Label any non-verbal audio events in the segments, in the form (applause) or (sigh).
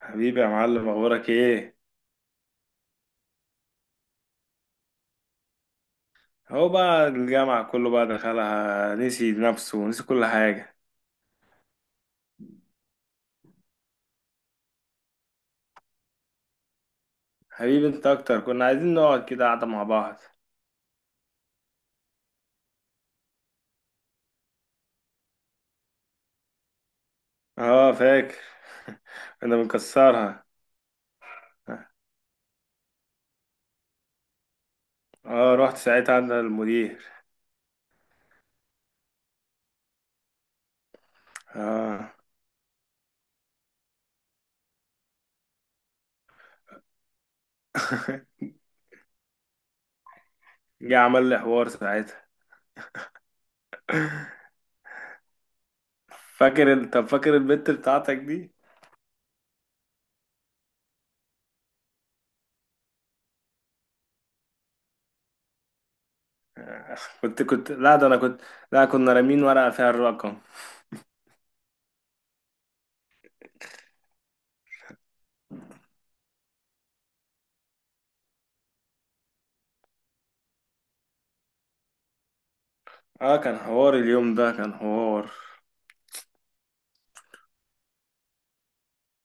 حبيبي يا معلم، اخبارك ايه؟ هو بقى الجامعة كله بقى دخلها، نسي نفسه ونسي كل حاجة. حبيبي انت اكتر، كنا عايزين نقعد كده قعدة مع بعض. اه فاكر. انا بنكسرها. اه رحت ساعتها عند المدير. اه (laughs) جه عمل لي حوار ساعتها. فاكر طب فاكر البت بتاعتك دي؟ كنت، لا ده انا كنت، لا كنا رامين ورقة فيها الرقم. اه كان حوار اليوم ده، كان حوار.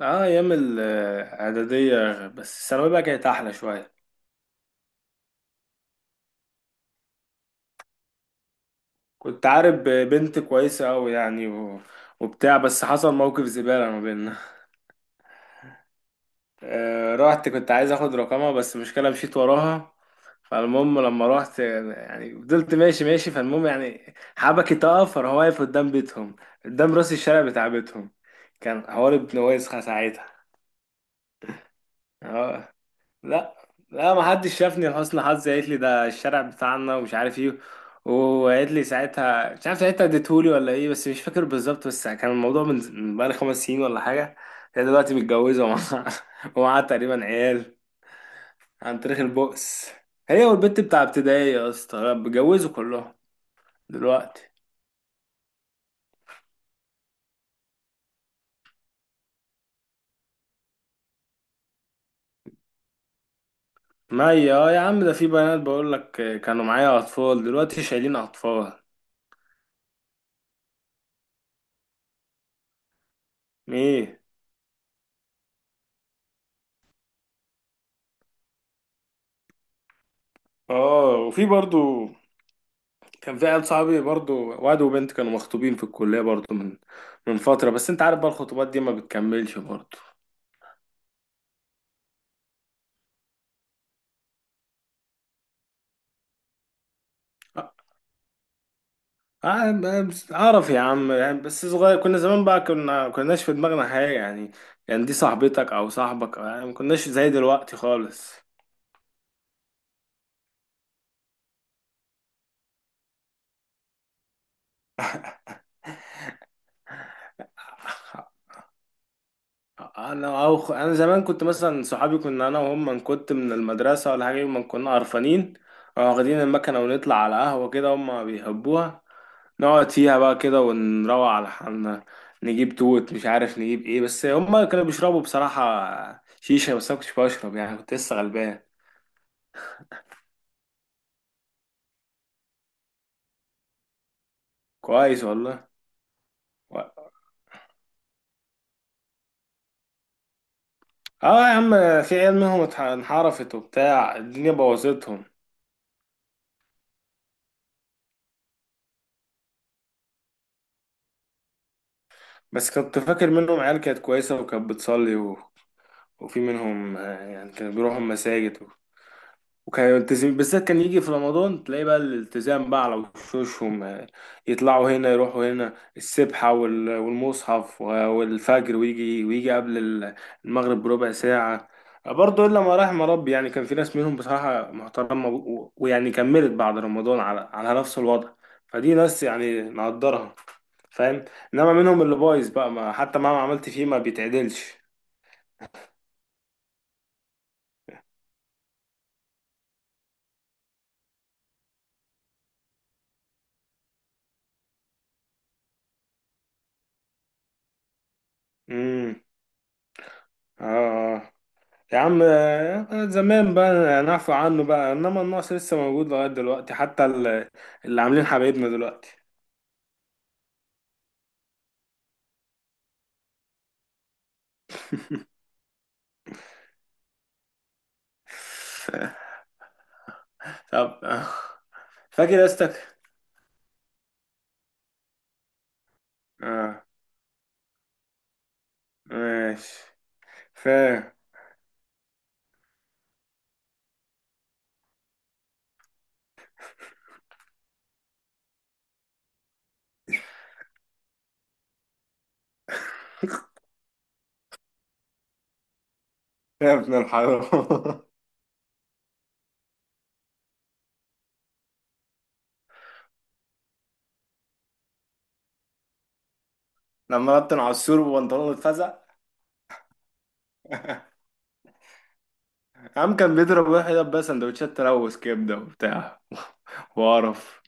اه، ايام الاعدادية، بس الثانوية بقى كانت احلى شوية. كنت عارف بنت كويسة أوي يعني وبتاع، بس حصل موقف زبالة ما بيننا. رحت، كنت عايز اخد رقمها، بس مشكلة مشيت وراها. فالمهم لما رحت يعني فضلت ماشي ماشي، فالمهم يعني حبكي تقف، فراح واقف قدام بيتهم، قدام راس الشارع بتاع بيتهم. كان حوار ابن ويسخة ساعتها. آه. لا. لا ما حدش شافني لحسن حظي، قالت لي ده الشارع بتاعنا ومش عارف ايه. وقالت لي ساعتها مش عارف، ساعتها اديتهولي ولا ايه، بس مش فاكر بالظبط، بس كان الموضوع من بقالي خمس سنين ولا حاجة. هي دلوقتي متجوزة، (laughs) ومعاها تقريبا عيال، عن طريق البؤس. هي والبنت بتاع ابتدائي يا اسطى بيتجوزوا كلهم دلوقتي. ما هي يا عم، ده في بنات بقول لك كانوا معايا اطفال، دلوقتي شايلين اطفال. ايه؟ اه، وفي برضو كان في عيال صحابي برضو، واد وبنت كانوا مخطوبين في الكلية برضو من فترة، بس انت عارف بقى الخطوبات دي ما بتكملش برضو. اه. اه، اعرف يا عم، يعني بس صغير، كنا زمان بقى كنا كناش في دماغنا حاجة يعني، يعني دي صاحبتك او صاحبك يعني، ما كناش زي دلوقتي خالص. انا زمان كنت مثلا صحابي، كنا انا وهم، من كنت من المدرسة ولا حاجة، يوم ما كنا قرفانين واخدين المكنة ونطلع على قهوة كده، هم بيحبوها، نقعد فيها بقى كده ونروق على حالنا. نجيب توت، مش عارف نجيب ايه، بس هما كانوا بيشربوا بصراحة شيشة، بس انا كنتش بشرب يعني، كنت لسه غلبان. كويس والله. و- اه يا عم، في عيال منهم انحرفت وبتاع، الدنيا بوظتهم. بس كنت فاكر منهم عيال كانت كويسة، وكانت بتصلي، وفي منهم يعني كانوا بيروحوا المساجد، وكان يلتزم بالذات، كان يجي في رمضان تلاقي بقى الالتزام بقى على وشوشهم، يطلعوا هنا، يروحوا هنا، السبحة والمصحف والفجر، ويجي قبل المغرب بربع ساعة. برضه إلا ما رحم ربي، يعني كان في ناس منهم بصراحة محترمة، ويعني كملت بعد رمضان على نفس الوضع، فدي ناس يعني نقدرها، فاهم. إنما منهم اللي بايظ بقى، ما حتى مهما عملت فيه ما بيتعدلش. امم. اه. آه. يا عم، زمان بقى نعفو عنه بقى، انما النقص لسه موجود لغاية دلوقتي، حتى اللي عاملين حبايبنا دلوقتي. (laughs) طب. فاكر يا اسطى؟ اه ماشي، فاهم. يا ابن الحرام! (laughs) لما بطن عصور وبنطلون اتفزع. (laughs) عم كان بيضرب واحد، بس سندوتشات تلوث كبده وبتاع، وقرف.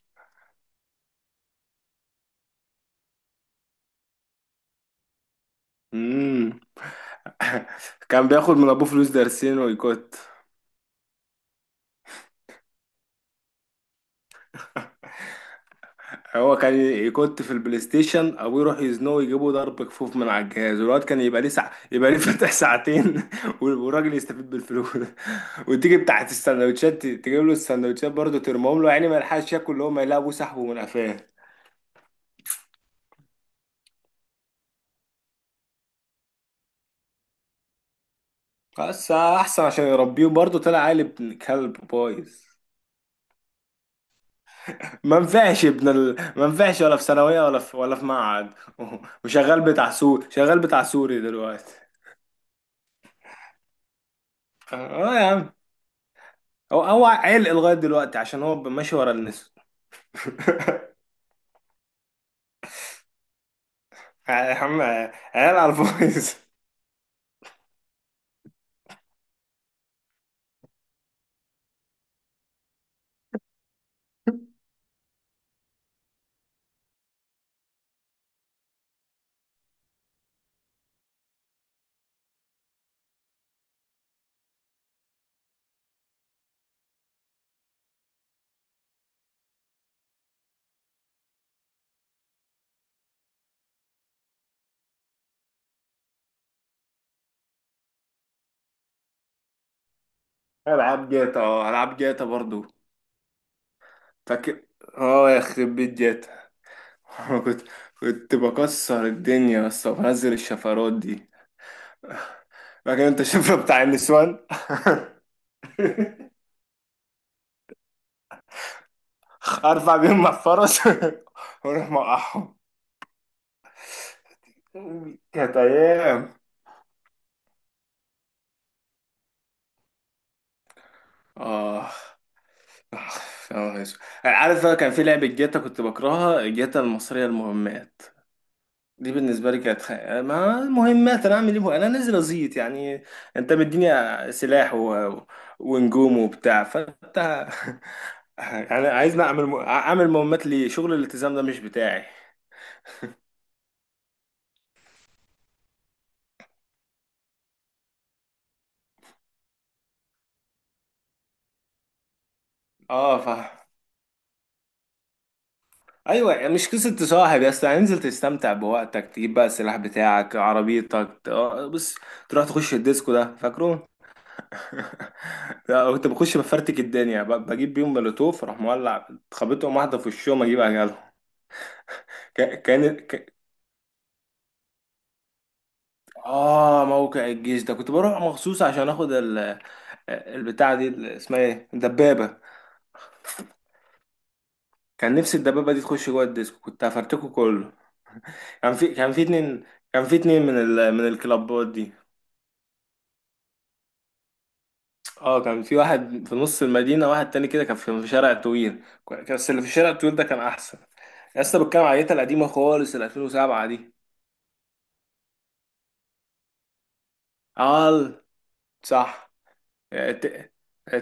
مم. (laughs) كان بياخد من ابوه فلوس درسين ويكت. هو كان كنت في البلاي ستيشن، ابوي يروح يزنقه، يجيبه ضرب كفوف من على الجهاز، والواد كان يبقى ليه ساعة، يبقى ليه فاتح ساعتين، (laughs) والراجل يستفيد بالفلوس. (laughs) وتيجي بتاعت السندوتشات تجيب له السندوتشات برضه، ترمهم له يعني ما يلحقش ياكل، اللي هو ما يلاقي ابوه سحبه من قفاه. بس احسن عشان يربيه، برضه طلع عيل ابن كلب بايظ. ما نفعش ولا في ثانوية، ولا في معهد. (laughs) وشغال بتاع سوري دلوقتي. اه يا عم، هو عيل لغايه دلوقتي، عشان هو ماشي ورا النسر. (laughs) يا عم عيال على الفويس. (laughs) العاب جاتا، العاب جاتا برضو. فاكر؟ اه، يا خرب بيت جاتا! (laughs) أنا كنت بكسر الدنيا بس، وبنزل الشفرات دي. (laughs) فاكر انت الشفرة بتاع النسوان؟ (laughs) ارفع بيهم مع الفرس، (laughs) واروح موقعهم. كانت ايام. اه. يا نهار أسود. عارف بقى، كان في لعبة جاتا كنت بكرهها، جاتا المصرية، المهمات دي بالنسبة لي كانت. ما مهمات، انا اعمل ايه؟ انا نازل ازيط يعني. انت مديني سلاح ونجوم وبتاع، فانت (laughs) يعني عايزني اعمل اعمل مهمات؟ ليه، شغل الالتزام ده مش بتاعي. اه فاهم. ايوه يعني مش قصه تصاحب يا اسطى، انزل تستمتع بوقتك، تجيب بقى السلاح بتاعك، عربيتك، بص، تروح تخش الديسكو ده، فاكره؟ (laughs) لا كنت بخش بفرتك الدنيا، بجيب بيهم مولوتوف، اروح مولع، خبطهم واحده في وشهم، اجيب اجلهم. كا- كان ك... اه موقع الجيش ده، كنت بروح مخصوص عشان اخد البتاعه دي، اسمها ايه، الدبابه. كان نفسي الدبابه دي تخش جوه الديسكو، كنت هفرتكه كله. كان في اتنين، كان في اتنين من من الكلابات دي. اه كان في واحد في نص المدينه، واحد تاني كده كان في شارع طويل، بس اللي في الشارع الطويل ده كان احسن. يا اسطى، بتكلم على العيله القديمه خالص، ال 2007 دي. اه صح. ت...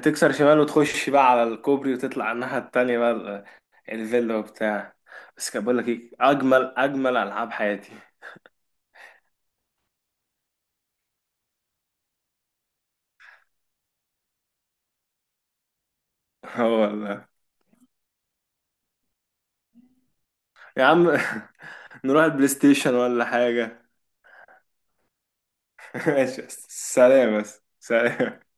تكسر شمال، وتخش بقى على الكوبري، وتطلع على الناحيه التانيه بقى، الفيلا وبتاع. بس كان بقول لك ايه، اجمل اجمل العاب حياتي. (laughs) اه والله يا عم. (laughs) نروح البلاي ستيشن ولا حاجه؟ (laughs) ماشي، سلام، بس سلام.